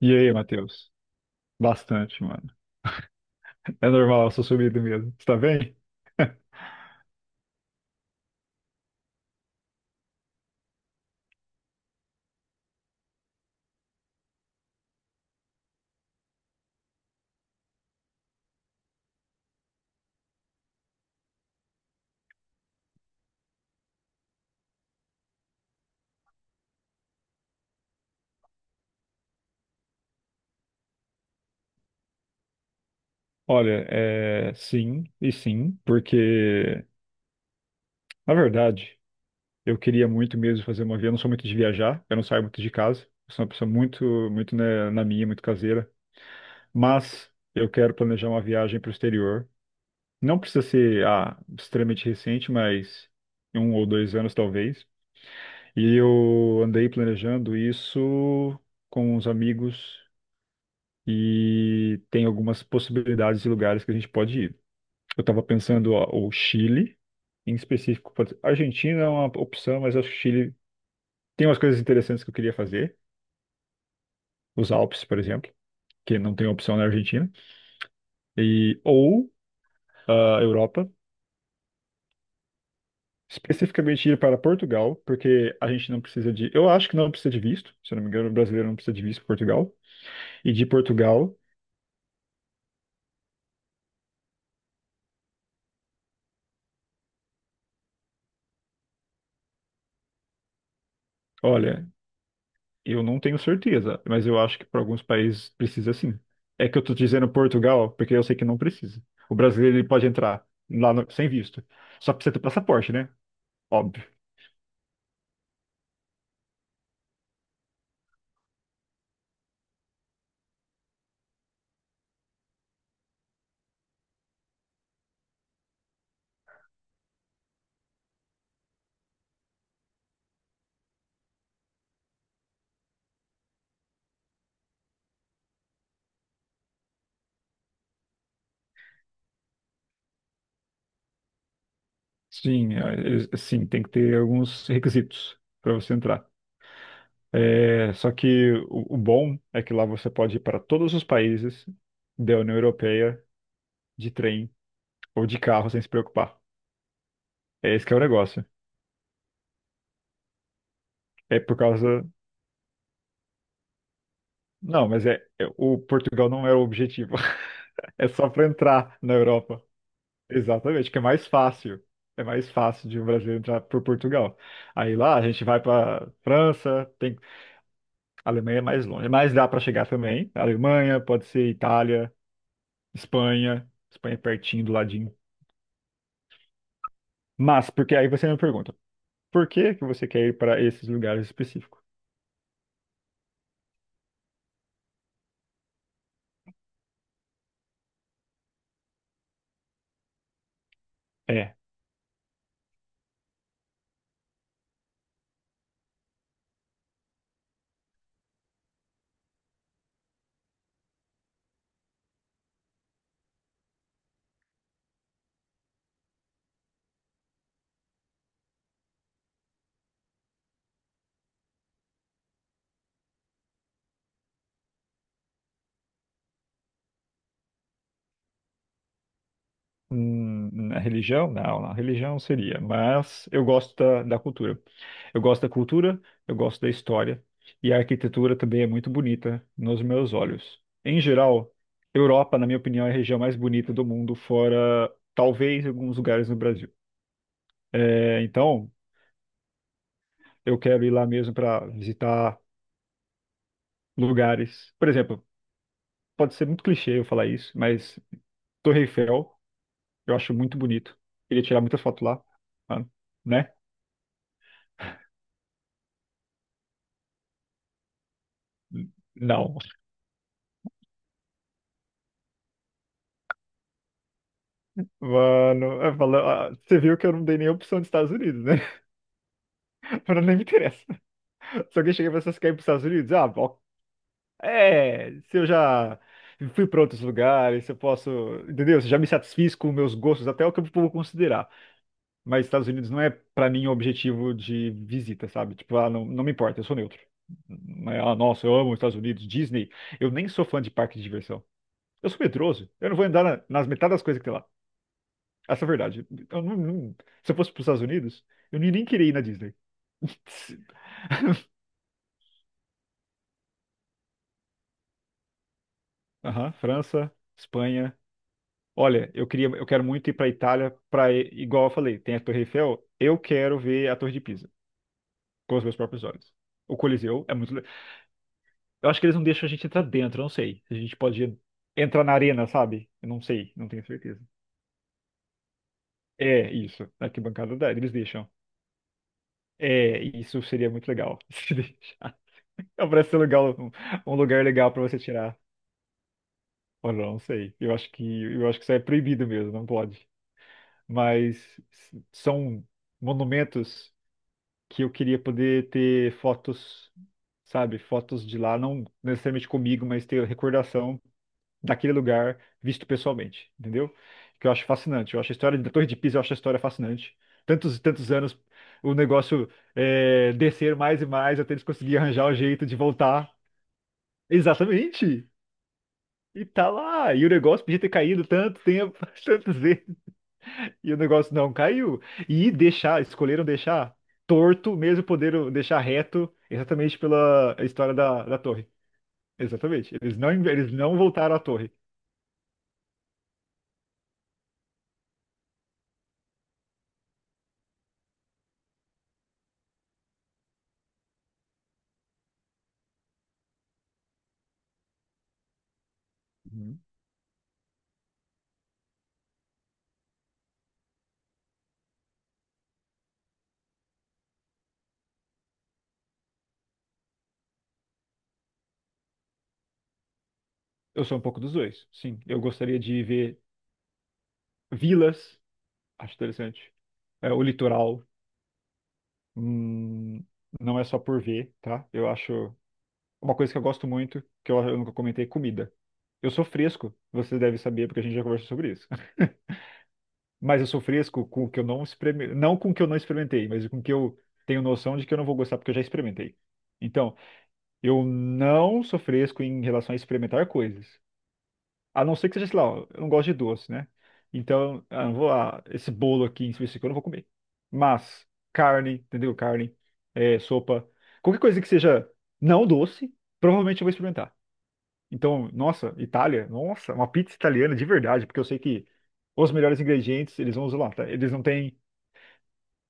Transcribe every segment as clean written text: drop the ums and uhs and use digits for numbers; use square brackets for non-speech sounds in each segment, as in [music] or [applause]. E aí, Matheus? Bastante, mano. É normal, eu sou sumido mesmo. Você tá bem? Olha, é sim e sim, porque, na verdade, eu queria muito mesmo fazer uma viagem. Eu não sou muito de viajar, eu não saio muito de casa. Eu sou uma pessoa muito, muito né, na minha, muito caseira. Mas eu quero planejar uma viagem para o exterior. Não precisa ser extremamente recente, mas um ou dois anos talvez. E eu andei planejando isso com uns amigos e tem algumas possibilidades de lugares que a gente pode ir. Eu estava pensando, ó, o Chile, em específico. Argentina é uma opção, mas acho que o Chile tem umas coisas interessantes que eu queria fazer. Os Alpes, por exemplo, que não tem opção na Argentina. E, ou a Europa, especificamente ir para Portugal, porque a gente não precisa de. Eu acho que não precisa de visto, se eu não me engano, o brasileiro não precisa de visto para Portugal. E de Portugal. Olha, eu não tenho certeza, mas eu acho que para alguns países precisa sim. É que eu tô dizendo Portugal, porque eu sei que não precisa. O brasileiro ele pode entrar lá no- sem visto. Só precisa ter passaporte, né? Óbvio. Sim, sim, tem que ter alguns requisitos para você entrar. É, só que o bom é que lá você pode ir para todos os países da União Europeia de trem ou de carro sem se preocupar. É esse que é o negócio. É por causa. Não, mas o Portugal não é o objetivo. [laughs] É só para entrar na Europa. Exatamente, que é mais fácil. É mais fácil de um brasileiro entrar por Portugal. Aí lá a gente vai para França, tem a Alemanha é mais longe, mas dá para chegar também. Alemanha, pode ser Itália, Espanha, Espanha é pertinho do ladinho. Mas porque aí você me pergunta, por que que você quer ir para esses lugares específicos? É. Na religião? Não, na religião seria, mas eu gosto da cultura. Eu gosto da cultura, eu gosto da história, e a arquitetura também é muito bonita nos meus olhos. Em geral, Europa, na minha opinião, é a região mais bonita do mundo, fora talvez alguns lugares no Brasil. É, então, eu quero ir lá mesmo para visitar lugares. Por exemplo, pode ser muito clichê eu falar isso, mas Torre Eiffel, eu acho muito bonito. Queria tirar muita foto lá, ah, né? Não. Mano, você viu que eu não dei nenhuma opção dos Estados Unidos, né? [laughs] Pra nem me interessa. Se alguém chega e fala, "Você quer ir pros Estados Unidos? Ah, bom. É, se eu já fui pra outros lugares, se eu posso, entendeu? Se eu já me satisfiz com meus gostos, até o que eu vou considerar. Mas Estados Unidos não é pra mim o objetivo de visita, sabe? Tipo, ah, não, não me importa, eu sou neutro. Não é, ah, nossa, eu amo os Estados Unidos, Disney. Eu nem sou fã de parque de diversão. Eu sou medroso. Eu não vou andar nas metades das coisas que tem lá. Essa é a verdade. Eu não- não- Se eu fosse para os Estados Unidos, eu nem queria ir na Disney. Aham, França, Espanha. Olha, eu queria, eu quero muito ir para Itália, para igual eu falei, tem a Torre Eiffel. Eu quero ver a Torre de Pisa com os meus próprios olhos. O Coliseu é muito. Eu acho que eles não deixam a gente entrar dentro. Eu Não sei. A gente pode entrar na arena, sabe? Eu não sei. Não tenho certeza. É isso. Na arquibancada da, eles deixam. É, isso seria muito legal. [laughs] Se deixar. Parece ser legal, um lugar legal para você tirar. Olha, eu não sei. Eu acho que isso é proibido mesmo, não pode. Mas são monumentos que eu queria poder ter fotos, sabe, fotos de lá, não necessariamente comigo, mas ter recordação daquele lugar visto pessoalmente, entendeu? Que eu acho fascinante. Eu acho a história da Torre de Pisa, eu acho a história fascinante. Tantos e tantos anos o negócio é, descer mais e mais até eles conseguirem arranjar o jeito de voltar. Exatamente. E tá lá, e o negócio podia ter caído tanto tempo, [laughs] tantas vezes, e o negócio não caiu. E deixar, escolheram deixar torto, mesmo poderam deixar reto, exatamente pela história da torre. Exatamente. Eles não voltaram à torre. Uhum. Eu sou um pouco dos dois, sim. Eu gostaria de ver vilas, acho interessante. É, o litoral, hum, não é só por ver, tá? Eu acho uma coisa que eu gosto muito, eu nunca comentei, é comida. Eu sou fresco, você deve saber, porque a gente já conversou sobre isso. [laughs] Mas eu sou fresco com o que eu não experimentei, não com o que eu não experimentei, mas com o que eu tenho noção de que eu não vou gostar porque eu já experimentei. Então, eu não sou fresco em relação a experimentar coisas. A não ser que seja, sei lá, eu não gosto de doce, né? Então, ah, não vou lá, esse bolo aqui em específico eu não vou comer. Mas, carne, entendeu? Carne, é, sopa, qualquer coisa que seja não doce, provavelmente eu vou experimentar. Então, nossa, Itália, nossa, uma pizza italiana de verdade, porque eu sei que os melhores ingredientes eles vão usar lá, tá? Eles não têm.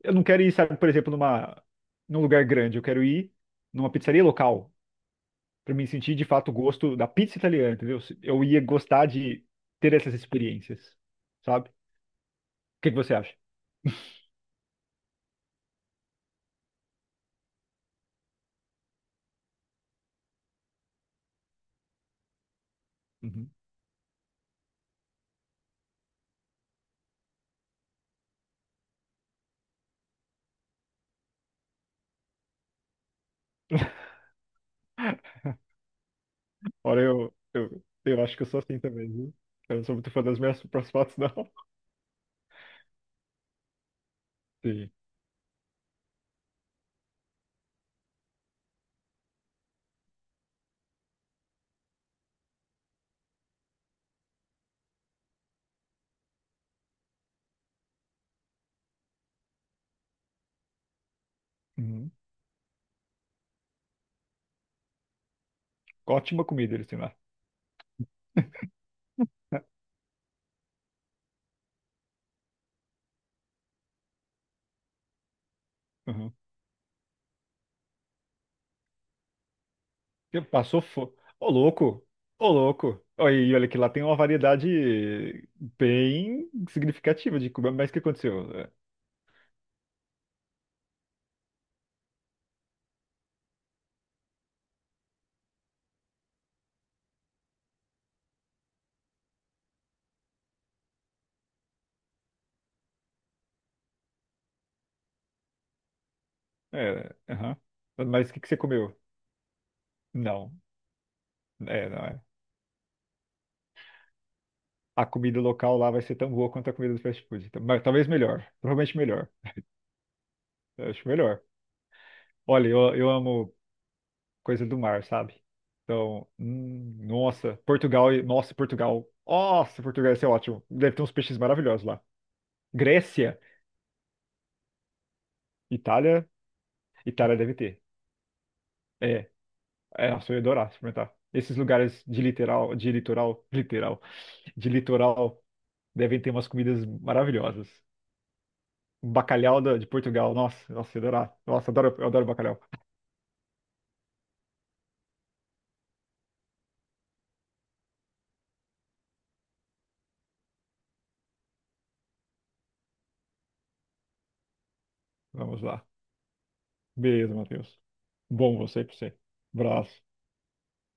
Eu não quero ir, sabe, por exemplo, num lugar grande, eu quero ir numa pizzaria local para me sentir de fato o gosto da pizza italiana, entendeu? Eu ia gostar de ter essas experiências, sabe? O que que você acha? Uhum. Ora, eu acho que eu sou assim também, viu? Eu não sou muito fã das minhas [laughs] próprias fotos, não. Sim. Uhum. Ótima comida eles têm lá. Uhum. Passou fome. Ô, louco! Ô, louco! Olha, e olha que lá tem uma variedade bem significativa de comida, mas o que aconteceu? É, aham. Mas o que que você comeu? Não. É, não é. A comida local lá vai ser tão boa quanto a comida do fast food. Então, mas talvez melhor. Provavelmente melhor. Eu acho melhor. Olha, eu amo coisa do mar, sabe? Então, nossa, nossa, Portugal. Nossa, Portugal, isso é ótimo. Deve ter uns peixes maravilhosos lá. Grécia, Itália, Itália deve ter. É, é, nossa, eu ia adorar experimentar. Esses lugares de litoral, literal, de litoral, devem ter umas comidas maravilhosas. De Portugal. Nossa, nossa, eu adoro bacalhau. Vamos lá. Beleza, Matheus. Bom você, pra você. Abraço.